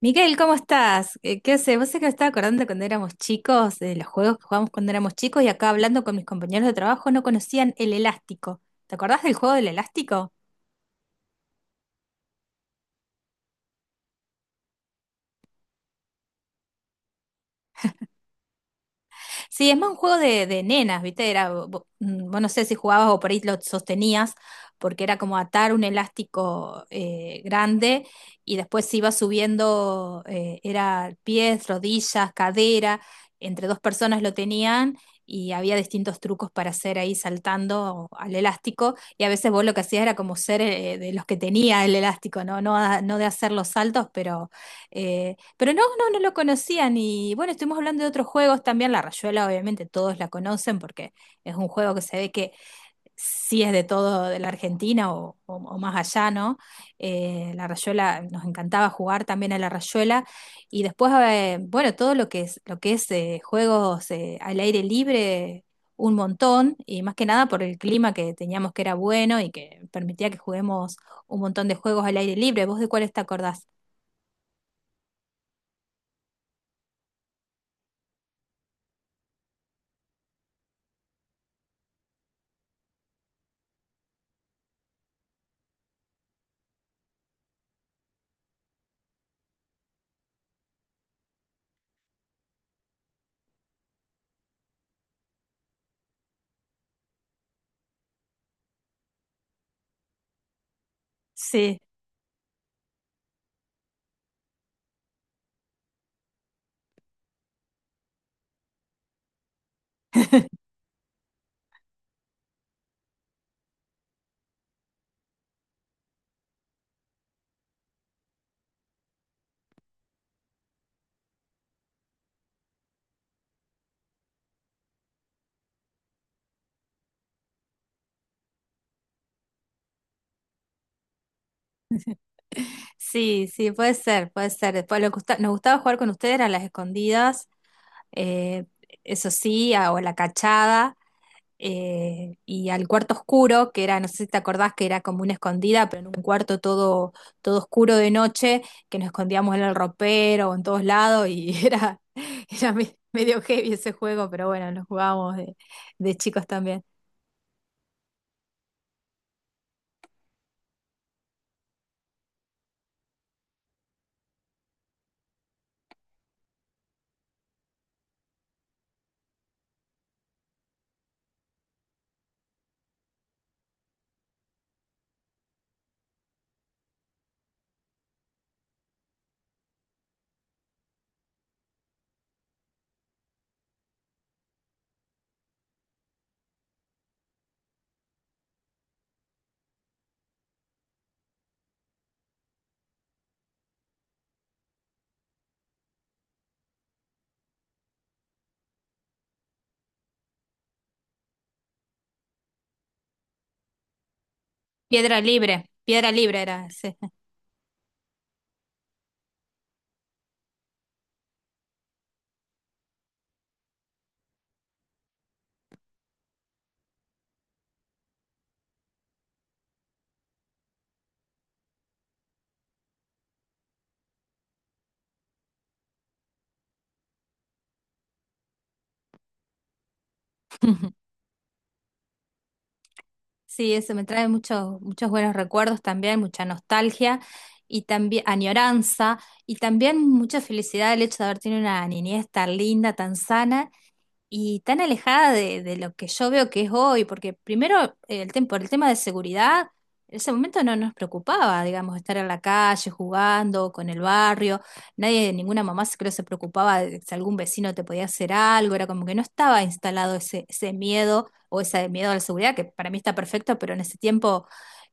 Miguel, ¿cómo estás? ¿Qué haces? Vos sé que me estaba acordando cuando éramos chicos, de los juegos que jugábamos cuando éramos chicos y acá hablando con mis compañeros de trabajo no conocían el elástico. ¿Te acordás del juego del elástico? Sí, es más un juego de nenas, ¿viste? Era, vos no sé si jugabas o por ahí lo sostenías, porque era como atar un elástico grande y después se iba subiendo, era pies, rodillas, cadera, entre dos personas lo tenían y había distintos trucos para hacer ahí saltando al elástico y a veces vos lo que hacías era como ser de los que tenía el elástico, ¿no? No, no de hacer los saltos, pero no, no, no lo conocían y bueno, estuvimos hablando de otros juegos también. La Rayuela obviamente todos la conocen porque es un juego que se ve que sí es de todo de la Argentina o más allá, ¿no? La Rayuela, nos encantaba jugar también a la Rayuela y después, bueno, todo lo que es juegos al aire libre, un montón y más que nada por el clima que teníamos que era bueno y que permitía que juguemos un montón de juegos al aire libre. ¿Vos de cuáles te acordás? Sí, sí, puede ser, puede ser. Después lo que nos gustaba jugar con ustedes eran las escondidas, eh, eso sí, o la cachada, y al cuarto oscuro, que era, no sé si te acordás que era como una escondida, pero en un cuarto todo oscuro de noche, que nos escondíamos en el ropero o en todos lados, y era medio heavy ese juego, pero bueno, lo jugábamos de chicos también. Piedra libre era ese. Sí, eso me trae muchos, muchos buenos recuerdos también, mucha nostalgia y también añoranza y también mucha felicidad el hecho de haber tenido una niñez tan linda, tan sana y tan alejada de lo que yo veo que es hoy, porque primero el por el tema de seguridad, en ese momento no nos preocupaba, digamos, estar en la calle jugando con el barrio, nadie, ninguna mamá creo se preocupaba de si algún vecino te podía hacer algo, era como que no estaba instalado ese miedo o ese miedo a la seguridad, que para mí está perfecto, pero en ese tiempo...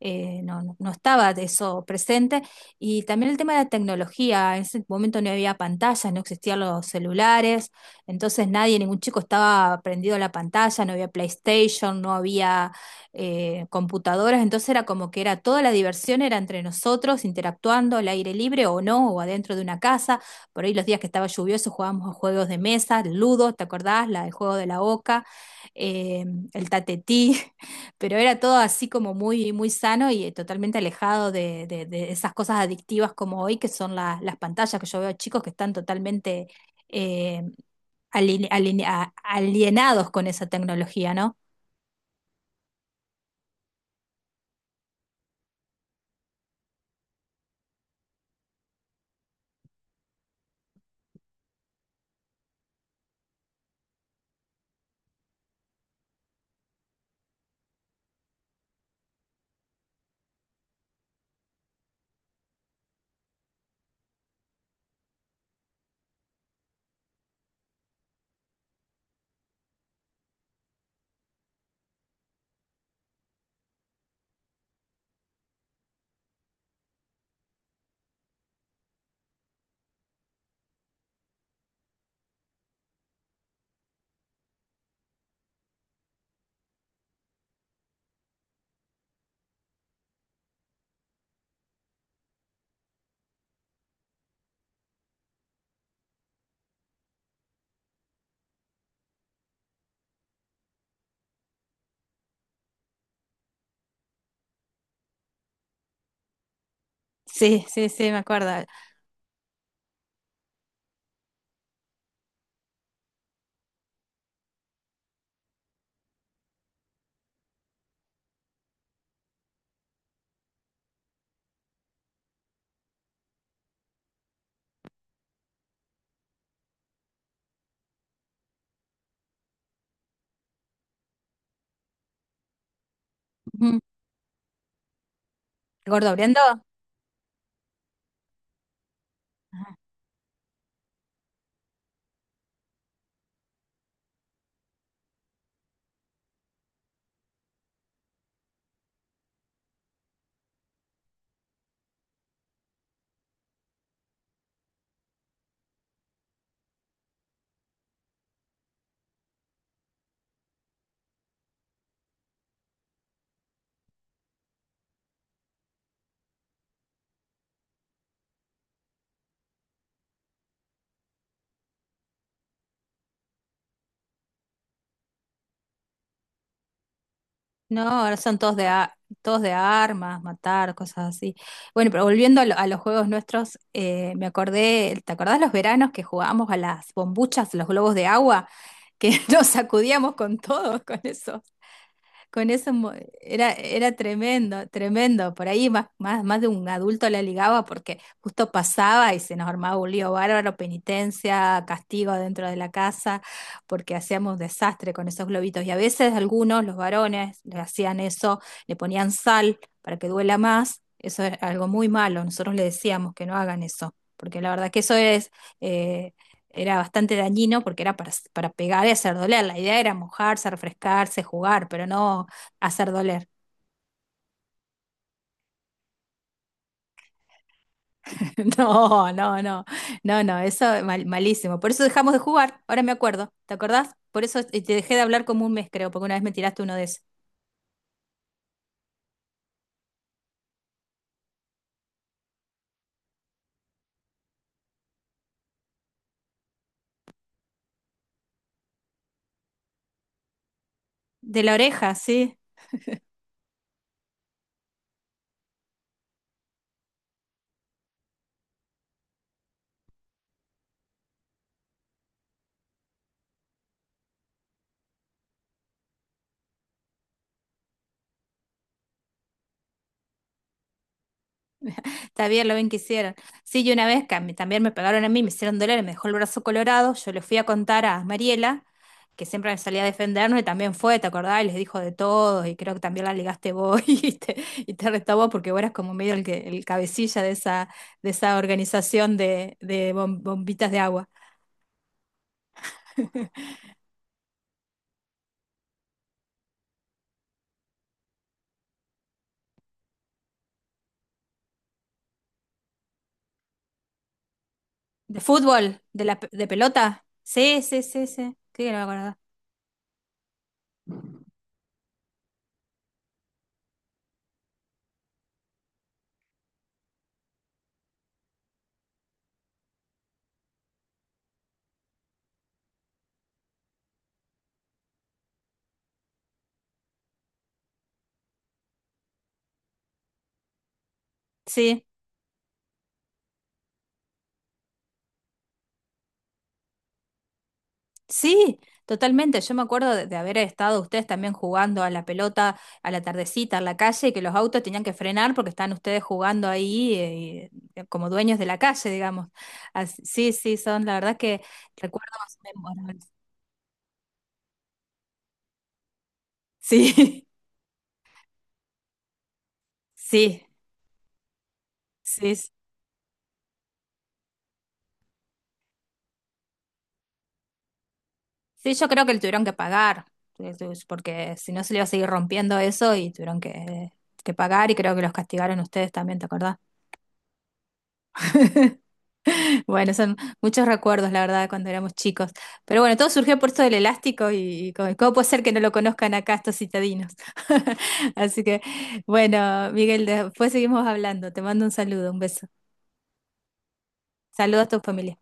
no, no estaba eso presente. Y también el tema de la tecnología. En ese momento no había pantallas, no existían los celulares. Entonces nadie, ningún chico estaba prendido a la pantalla, no había PlayStation, no había computadoras, entonces era como que era toda la diversión era entre nosotros, interactuando al aire libre o no, o adentro de una casa. Por ahí los días que estaba lluvioso jugábamos a juegos de mesa, ludo, ¿te acordás? El juego de la oca, eh, el tatetí, pero era todo así como muy, muy sano y totalmente alejado de esas cosas adictivas como hoy, que son las pantallas que yo veo chicos que están totalmente... eh, aline- aline- a- alienados con esa tecnología, ¿no? Sí, sí, sí, me acuerdo. Ujú. ¿Gordo Briendo? No, ahora son todos todos de armas, matar, cosas así. Bueno, pero volviendo a los juegos nuestros, me acordé, ¿te acordás los veranos que jugábamos a las bombuchas, los globos de agua, que nos sacudíamos con todo, con eso? con eso mo- Era tremendo, tremendo. Por ahí más de un adulto la ligaba porque justo pasaba y se nos armaba un lío bárbaro, penitencia, castigo dentro de la casa, porque hacíamos un desastre con esos globitos. Y a veces algunos, los varones, le hacían eso, le ponían sal para que duela más. Eso es algo muy malo. Nosotros le decíamos que no hagan eso, porque la verdad que eso es... eh, era bastante dañino porque era para pegar y hacer doler. La idea era mojarse, refrescarse, jugar, pero no hacer doler. No, no, no, no, no, eso malísimo. Por eso dejamos de jugar, ahora me acuerdo, ¿te acordás? Por eso te dejé de hablar como un mes, creo, porque una vez me tiraste uno de esos. De la oreja, sí. Está bien lo bien que hicieron. Sí, y una vez que a mí también me pegaron a mí, me hicieron doler, me dejó el brazo colorado, yo le fui a contar a Mariela, que siempre me salía a defendernos, y también fue, ¿te acordás? Y les dijo de todo, y creo que también la ligaste vos y te retó vos, porque vos eras como medio el cabecilla de esa organización de bombitas de agua. ¿De fútbol? ¿De de pelota? Sí, sí, sí, sí. Sí, que no me acuerdo. Sí. Sí, totalmente. Yo me acuerdo de haber estado ustedes también jugando a la pelota a la tardecita en la calle y que los autos tenían que frenar porque estaban ustedes jugando ahí como dueños de la calle, digamos. Sí, sí, son la verdad que recuerdos memorables. Sí, sí, sí. Sí, sí, yo creo que le tuvieron que pagar porque si no se le iba a seguir rompiendo eso y tuvieron que pagar y creo que los castigaron ustedes también, ¿te acordás? Bueno, son muchos recuerdos, la verdad, cuando éramos chicos. Pero bueno, todo surgió por esto del elástico y cómo puede ser que no lo conozcan acá estos citadinos. Así que, bueno, Miguel, después seguimos hablando. Te mando un saludo, un beso. Saludos a tu familia.